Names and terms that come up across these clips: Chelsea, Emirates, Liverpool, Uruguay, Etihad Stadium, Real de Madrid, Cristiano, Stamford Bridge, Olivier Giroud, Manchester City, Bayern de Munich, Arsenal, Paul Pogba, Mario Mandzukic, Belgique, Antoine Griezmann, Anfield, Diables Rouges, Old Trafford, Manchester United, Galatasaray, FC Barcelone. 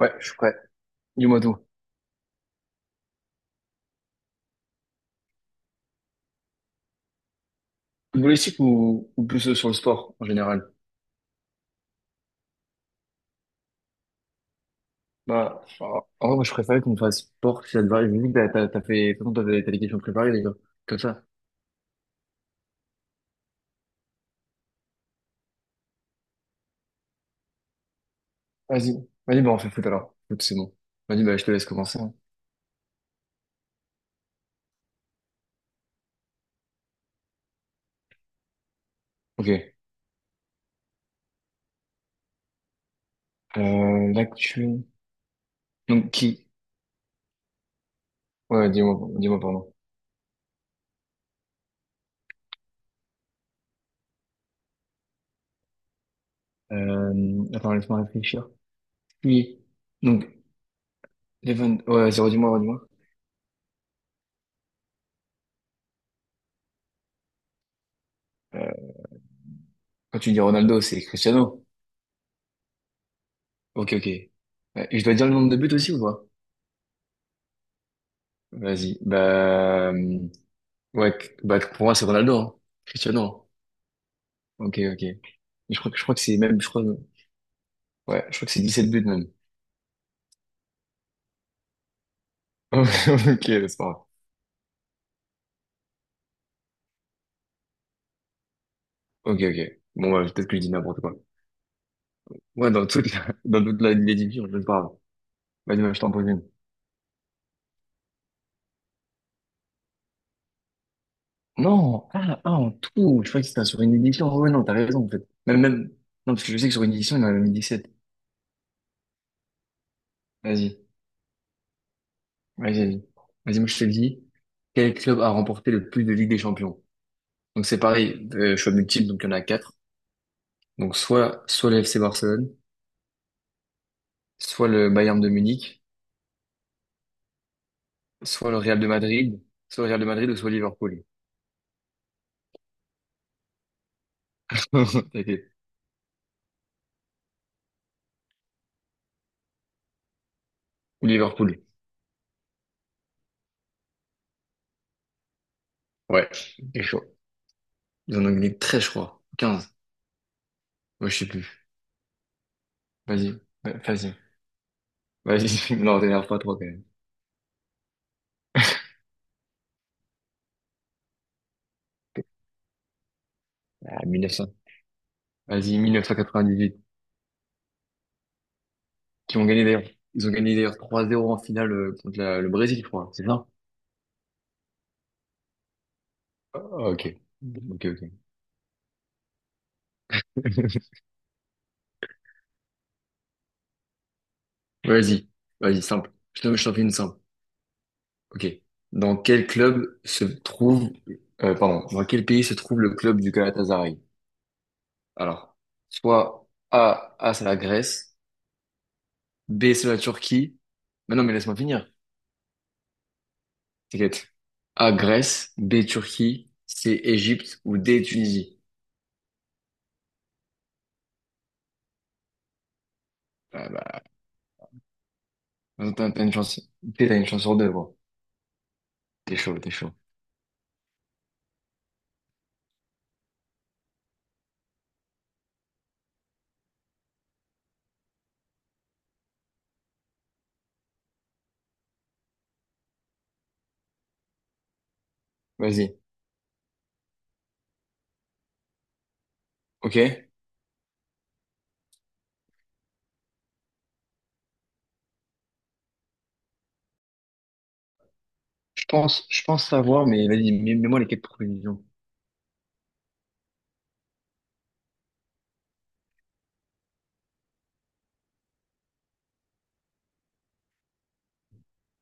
Ouais, je suis prêt. Dis-moi tout. Footballistique ou plus sur le sport en général? Bah, en vrai, moi, je préférais qu'on fasse sport si ça te va. Je me dis que t'as fait, de toute façon, t'as des questions préparées, les gars. Comme ça. Vas-y. Vas-y, bah, on fait foot alors. Foot, c'est bon. Vas-y, bah, je te laisse commencer, hein. Ok. L'actu. Donc, qui? Ouais, dis-moi, dis-moi, pardon. Attends, laisse-moi réfléchir. Qui? Donc, Evan. Ouais, vas-y, redis-moi, redis-moi. Euh, quand tu dis Ronaldo, c'est Cristiano. Ok, ok. Et je dois dire le nombre de buts aussi ou pas? Vas-y. Bah, ouais, bah, pour moi, c'est Ronaldo, hein. Cristiano, hein. Ok, ok. Je crois, je crois que c'est même, je crois, ouais, je crois que c'est 17 buts même. Ok, c'est pas grave. Ok, ok. Bon, bah, peut-être que je dis n'importe quoi. Ouais, dans toute la, dans toute la, les divisions, je ne parle. Vas-y, bah, je t'en pose une. Non, ah, ah, en tout, je crois que c'était sur une édition. Ouais, ouais, non, t'as raison, en fait. Même, même, non, parce que je sais que sur une édition, il y en a mis 17. Vas-y, vas-y, vas-y. Vas-y, moi, je te le dis. Quel club a remporté le plus de Ligue des Champions? Donc c'est pareil, choix multiple, donc il y en a quatre. Donc soit le FC Barcelone, soit le Bayern de Munich, soit le Real de Madrid, soit le Real de Madrid ou soit Liverpool. Ok. Ou Liverpool. Ouais, c'est chaud. Ils en ont gagné très, je crois, 15. Moi, je sais plus. Vas-y. Ouais, vas-y. Vas-y. Non, t'énerve pas trop quand même. Ah, 1900. Vas-y, 1998. Qui ont gagné d'ailleurs. Ils ont gagné d'ailleurs 3-0 en finale contre le Brésil, je crois. C'est ça? Ah, ok. Ok, ok. Vas-y. Vas-y, simple. Je t'en fais une simple. Ok. Dans quel club se trouve, pardon, dans quel pays se trouve le club du Galatasaray? Alors, soit A, A c'est la Grèce, B c'est la Turquie. Mais non, mais laisse-moi finir. T'inquiète. A Grèce, B Turquie, C Égypte ou D Tunisie. Ah bah, t'as une chance, t'as une chance sur deux, gros. T'es chaud, t'es chaud. Vas-y. Ok. Je pense savoir, mais vas-y, mets-moi les quatre propositions.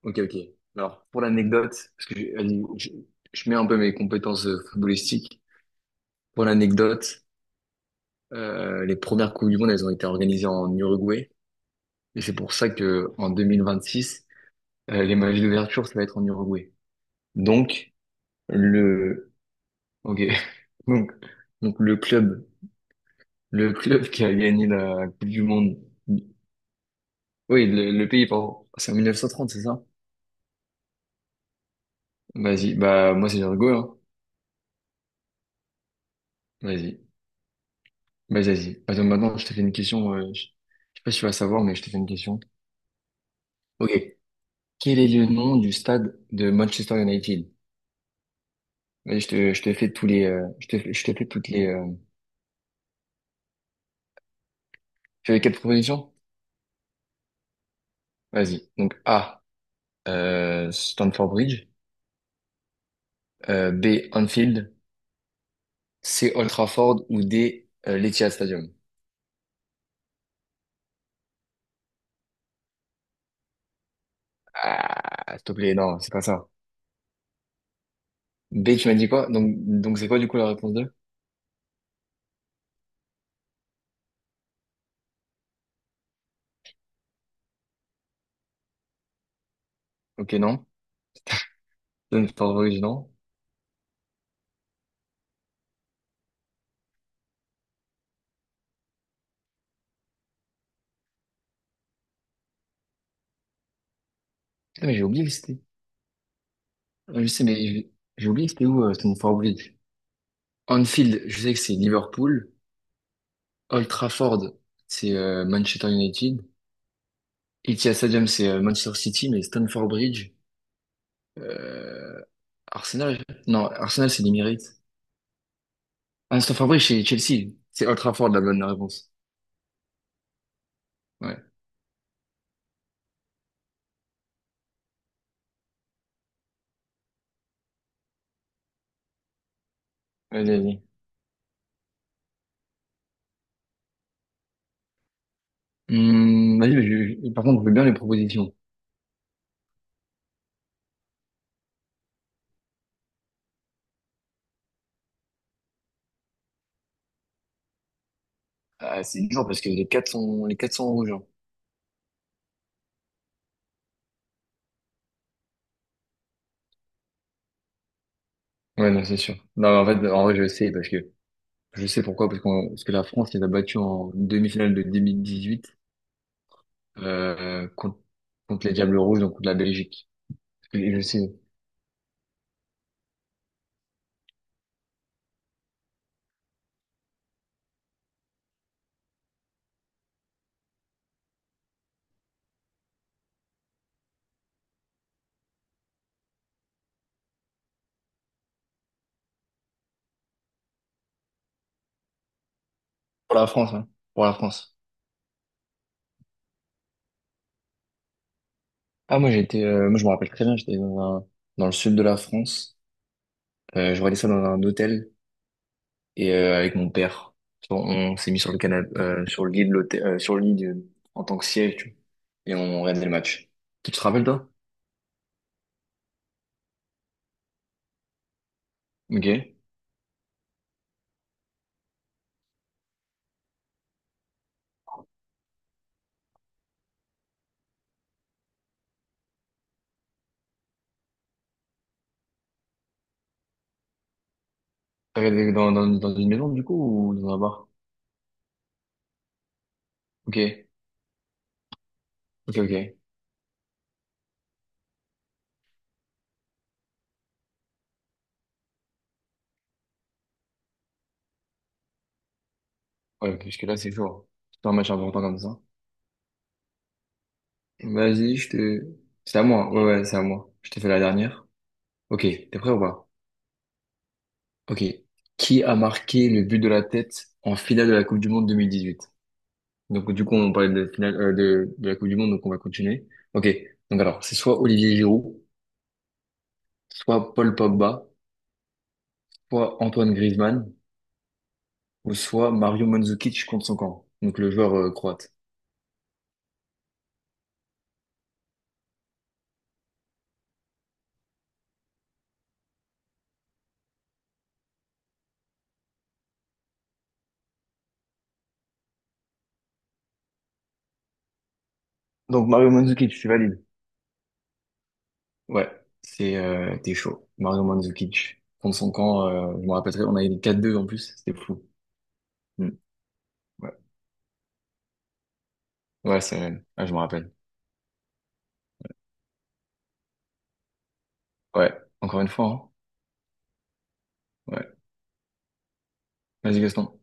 Ok, ok. Alors, pour l'anecdote, parce que je- je mets un peu mes compétences footballistiques. Pour l'anecdote, les premières Coupes du Monde, elles ont été organisées en Uruguay. Et c'est pour ça que en 2026, les matchs d'ouverture, ça va être en Uruguay. Donc, le, ok. Donc, donc le club qui a gagné la Coupe du Monde. Oui, le pays, pardon. C'est en 1930, c'est ça? Vas-y. Bah, moi, c'est l'Uruguay, hein. Vas-y. Bah, vas-y. Attends, maintenant, je te fais une question. Je sais pas si tu vas savoir, mais je te fais une question. Ok. Quel est le nom du stade de Manchester United? Vas-y, je te fais tous les, je te fais toutes les, tu veux quatre propositions? Vas-y. Donc, A, Stamford Bridge, B, Anfield, C, Old Trafford ou D, l'Etihad Stadium. Ah, s'il te plaît, non, c'est pas ça. B, tu m'as dit quoi? Donc c'est quoi du coup la réponse deux. Ok, non. Stamford Bridge, non. Putain, mais j'ai oublié que c'était. Je sais, mais j'ai oublié que c'était où, Stamford Bridge. Anfield, je sais que c'est Liverpool. Old Trafford, c'est Manchester United. Etihad Stadium, c'est Manchester City, mais Stamford Bridge, euh, Arsenal. Non, Arsenal, c'est l'Emirates. Ah, Stamford Bridge, c'est Chelsea. C'est Old Trafford, la bonne réponse. Ouais. Vas-y, vas-y. Vas-y, mais par contre, je veux bien les propositions. Ah, c'est dur parce que les quatre sont rouges, hein. Ouais, non, c'est sûr. Non, mais en fait, en vrai, je sais parce que je sais pourquoi parce parce que la France les a battus en demi-finale de 2018 euh, contre, contre les Diables Rouges, donc contre la Belgique. Et je sais, pour la France, hein, pour la France. Ah, moi, j'étais, moi, je me rappelle très bien, j'étais dans le sud de la France. Je regardais ça dans un hôtel et avec mon père. On, on s'est mis sur le canapé, sur le lit de l'hôtel, sur le lit de- en tant que siège, tu vois, et on regardait le match. Tu te rappelles, toi? Ok. T'as regardé dans une maison, du coup, ou dans un bar? Ok. Ok, ok. Ouais, parce que là, c'est chaud, hein. C'est un match important comme ça. Vas-y, je te... C'est à moi. Ouais, ouais, c'est à moi. Je te fais la dernière. Ok, t'es prêt ou pas? Ok. Qui a marqué le but de la tête en finale de la Coupe du Monde 2018? Donc, du coup, on parlait de finale, de la Coupe du Monde, donc on va continuer. Ok. Donc, alors, c'est soit Olivier Giroud, soit Paul Pogba, soit Antoine Griezmann, ou soit Mario Mandzukic contre son camp. Donc, le joueur croate. Donc, Mario Mandzukic, c'est valide. Ouais, c'est t'es chaud. Mario Mandzukic contre son camp, je me rappellerai, on a eu 4-2 en plus, c'était fou. Mm. Ouais, ouais c'est... Ah, je me rappelle. Ouais, encore une fois, hein. Ouais. Vas-y, Gaston.